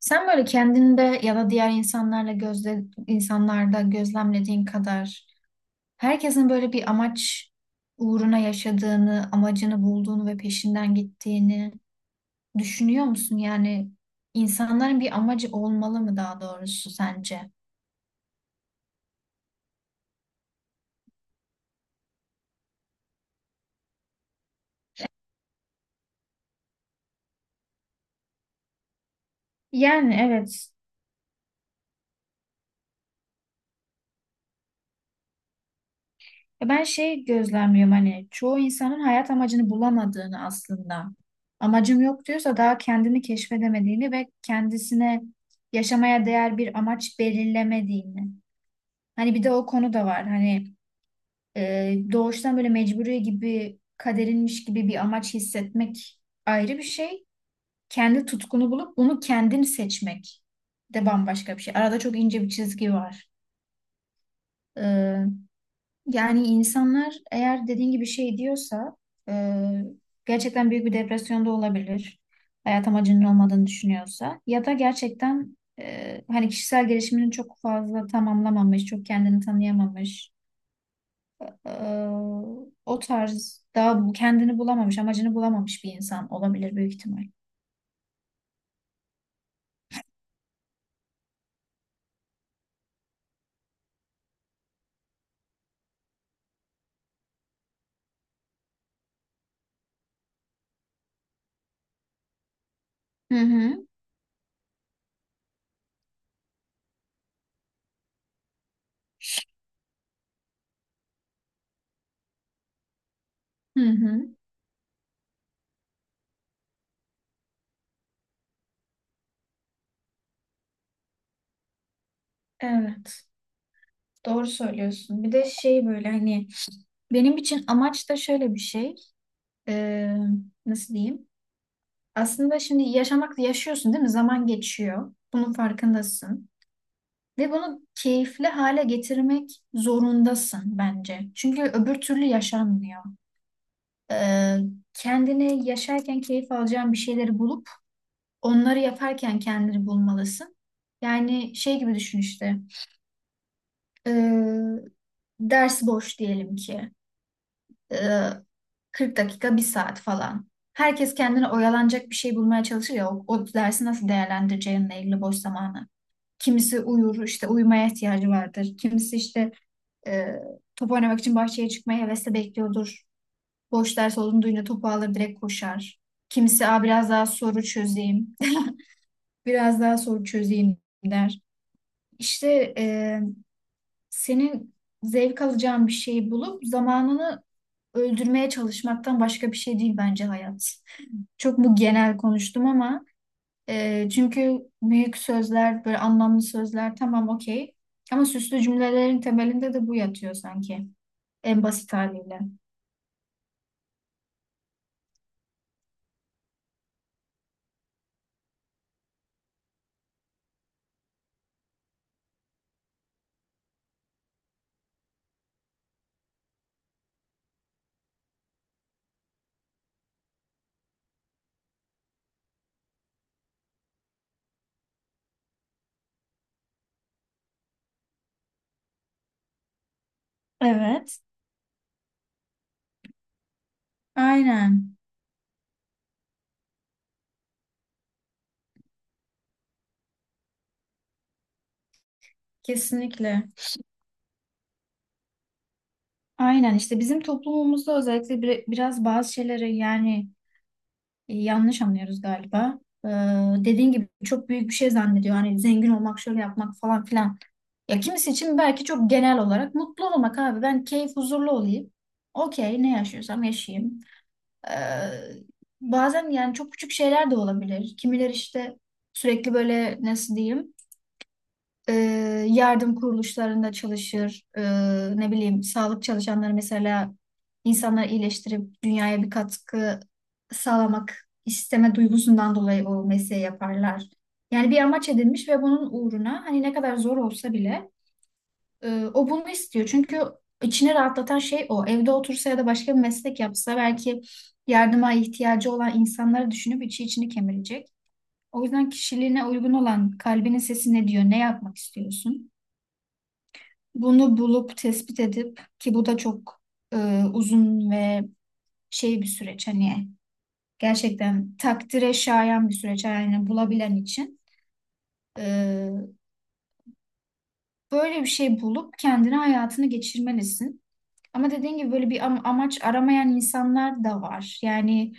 Sen böyle kendinde ya da diğer insanlarla insanlarda gözlemlediğin kadar herkesin böyle bir amaç uğruna yaşadığını, amacını bulduğunu ve peşinden gittiğini düşünüyor musun? Yani insanların bir amacı olmalı mı daha doğrusu sence? Yani evet. Ben gözlemliyorum hani çoğu insanın hayat amacını bulamadığını aslında. Amacım yok diyorsa daha kendini keşfedemediğini ve kendisine yaşamaya değer bir amaç belirlemediğini. Hani bir de o konu da var. Hani doğuştan böyle mecburi gibi kaderinmiş gibi bir amaç hissetmek ayrı bir şey. Kendi tutkunu bulup bunu kendin seçmek de bambaşka bir şey. Arada çok ince bir çizgi var. E, Yani insanlar eğer dediğin gibi diyorsa e, gerçekten büyük bir depresyonda olabilir. Hayat amacının olmadığını düşünüyorsa ya da gerçekten hani kişisel gelişimini çok fazla tamamlamamış, çok kendini tanıyamamış. Ee, O tarz daha kendini bulamamış, amacını bulamamış bir insan olabilir büyük ihtimal. Hı hı. Hı hı. Evet. Doğru söylüyorsun. Bir de böyle hani benim için amaç da şöyle bir şey. Ee, Nasıl diyeyim? Aslında şimdi yaşıyorsun değil mi? Zaman geçiyor. Bunun farkındasın. Ve bunu keyifli hale getirmek zorundasın bence. Çünkü öbür türlü yaşanmıyor. Ee, Kendini yaşarken keyif alacağın bir şeyleri bulup onları yaparken kendini bulmalısın. Yani gibi düşün işte. e, Ders boş diyelim ki. e, 40 dakika, bir saat falan. Herkes kendine oyalanacak bir şey bulmaya çalışır ya. O dersi nasıl değerlendireceğinle ilgili boş zamanı. Kimisi uyur, işte uyumaya ihtiyacı vardır. Kimisi işte e, top oynamak için bahçeye çıkmaya hevesle bekliyordur. Boş ders olduğunu duyunca topu alır direkt koşar. Kimisi aa, biraz daha soru çözeyim, biraz daha soru çözeyim der. İşte senin zevk alacağın bir şeyi bulup zamanını öldürmeye çalışmaktan başka bir şey değil bence hayat. Çok mu genel konuştum? Ama çünkü büyük sözler, böyle anlamlı sözler, tamam, okey. Ama süslü cümlelerin temelinde de bu yatıyor sanki, en basit haliyle. Evet. Aynen. Kesinlikle. Aynen işte bizim toplumumuzda özellikle biraz bazı şeyleri yani yanlış anlıyoruz galiba. Ee, Dediğin gibi çok büyük bir şey zannediyor. Hani zengin olmak, şöyle yapmak falan filan. Ya kimisi için belki çok genel olarak mutlu olmak abi. Ben keyif huzurlu olayım. Okey, ne yaşıyorsam yaşayayım. Ee, Bazen yani çok küçük şeyler de olabilir. Kimiler işte sürekli böyle nasıl diyeyim, e, yardım kuruluşlarında çalışır. E, ne bileyim sağlık çalışanları mesela insanları iyileştirip dünyaya bir katkı sağlamak isteme duygusundan dolayı o mesleği yaparlar. Yani bir amaç edinmiş ve bunun uğruna hani ne kadar zor olsa bile o bunu istiyor. Çünkü içini rahatlatan şey o. Evde otursa ya da başka bir meslek yapsa belki yardıma ihtiyacı olan insanları düşünüp içi içini kemirecek. O yüzden kişiliğine uygun olan, kalbinin sesi ne diyor, ne yapmak istiyorsun? Bunu bulup tespit edip, ki bu da çok e, uzun ve bir süreç, hani gerçekten takdire şayan bir süreç yani bulabilen için. E, Böyle bir şey bulup kendine hayatını geçirmelisin. Ama dediğin gibi böyle bir amaç aramayan insanlar da var. Yani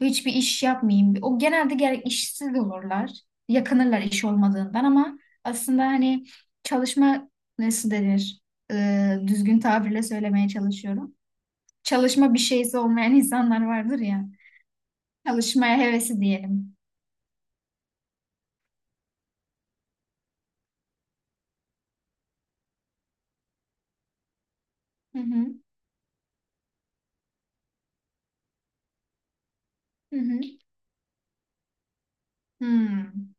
hiçbir iş yapmayayım. O genelde gerek işsiz olurlar. Yakınırlar iş olmadığından ama aslında hani çalışma, nasıl denir? E, düzgün tabirle söylemeye çalışıyorum, çalışma bir şeysi olmayan insanlar vardır ya. Çalışmaya hevesi diyelim. Hı hı. Hı hı. Hmm.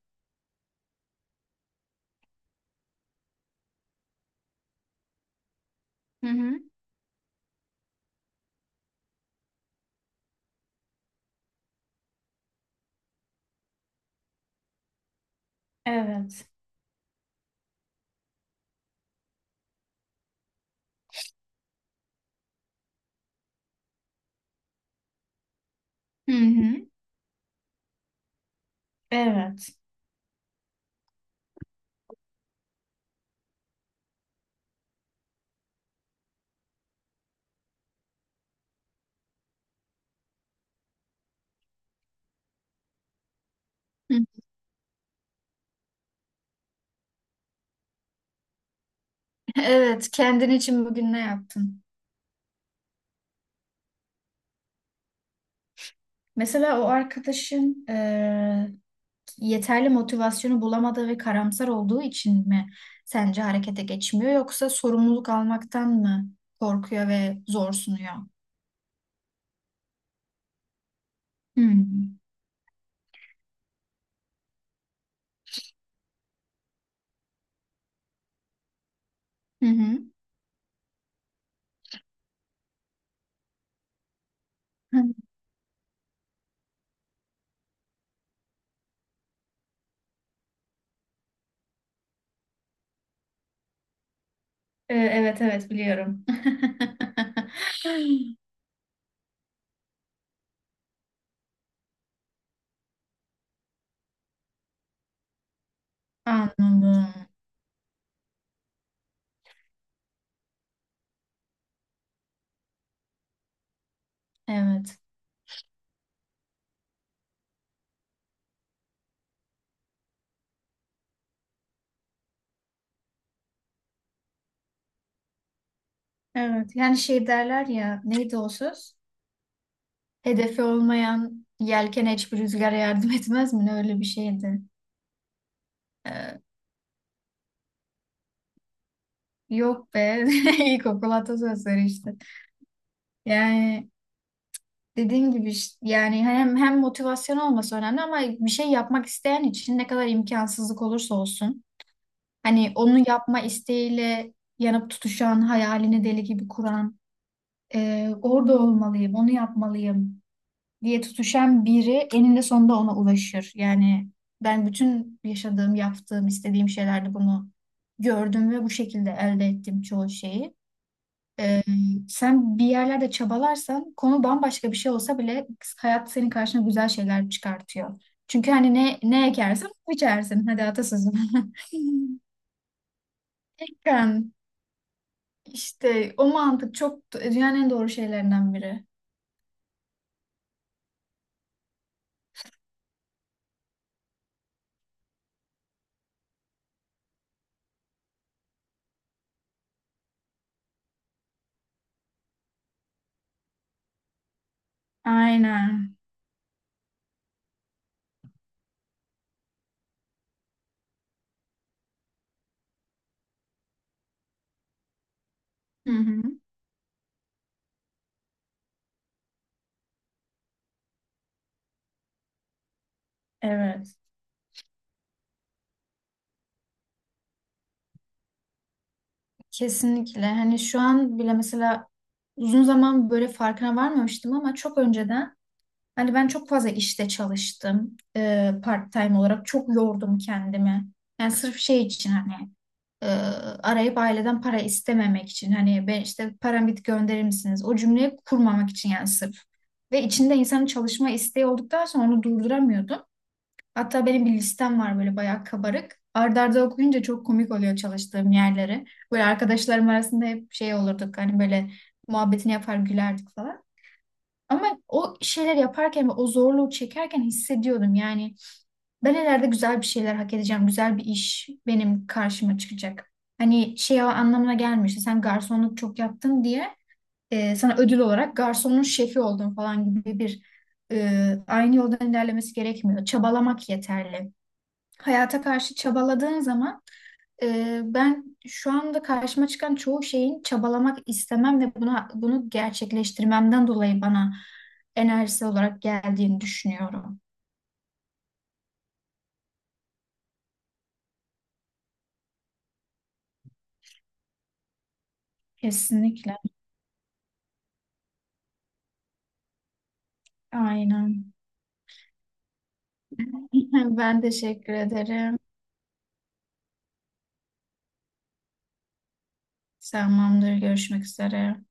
Hı hı. Evet. Hı hı. Evet. Hı. Evet. Kendin için bugün ne yaptın? Mesela o arkadaşın yeterli motivasyonu bulamadığı ve karamsar olduğu için mi sence harekete geçmiyor, yoksa sorumluluk almaktan mı korkuyor ve zor sunuyor? Hmm. Hı hı. Evet, evet, biliyorum. Anladım. Evet. Evet. Yani şey derler ya, neydi o söz? Hedefi olmayan yelken hiçbir rüzgara yardım etmez mi? Ne öyle bir şeydi. Ee, Yok be. İlkokul atasözleri işte. Yani dediğim gibi yani hem motivasyon olması önemli ama bir şey yapmak isteyen için ne kadar imkansızlık olursa olsun. Hani onu yapma isteğiyle yanıp tutuşan, hayalini deli gibi kuran, orada olmalıyım, onu yapmalıyım diye tutuşan biri eninde sonunda ona ulaşır. Yani ben bütün yaşadığım, yaptığım, istediğim şeylerde bunu gördüm ve bu şekilde elde ettim çoğu şeyi. E, Sen bir yerlerde çabalarsan konu bambaşka bir şey olsa bile hayat senin karşına güzel şeyler çıkartıyor. Çünkü hani ne ekersen onu biçersin. Hadi atasözüm. Yani işte o mantık çok dünyanın en doğru şeylerinden biri. Aynen. Hı hı. Evet, kesinlikle. Hani şu an bile mesela uzun zaman böyle farkına varmamıştım ama çok önceden hani ben çok fazla işte çalıştım, part-time olarak. Çok yordum kendimi. Yani sırf için, hani e, arayıp aileden para istememek için. Hani ben işte param bitti, gönderir misiniz? O cümleyi kurmamak için yani sırf. Ve içinde insanın çalışma isteği olduktan sonra onu durduramıyordum. Hatta benim bir listem var böyle bayağı kabarık. Arda arda okuyunca çok komik oluyor çalıştığım yerleri. Böyle arkadaşlarım arasında hep olurduk hani böyle muhabbetini yapar gülerdik falan. Ama o şeyler yaparken ve o zorluğu çekerken hissediyordum yani ben ileride güzel bir şeyler hak edeceğim. Güzel bir iş benim karşıma çıkacak. Hani anlamına gelmişti, sen garsonluk çok yaptın diye sana ödül olarak garsonun şefi oldun falan gibi bir aynı yoldan ilerlemesi gerekmiyor. Çabalamak yeterli, hayata karşı çabaladığın zaman. Ben şu anda karşıma çıkan çoğu şeyin çabalamak istemem ve bunu gerçekleştirmemden dolayı bana enerjisi olarak geldiğini düşünüyorum. Kesinlikle. Aynen. Ben teşekkür ederim. Tamamdır. Görüşmek üzere.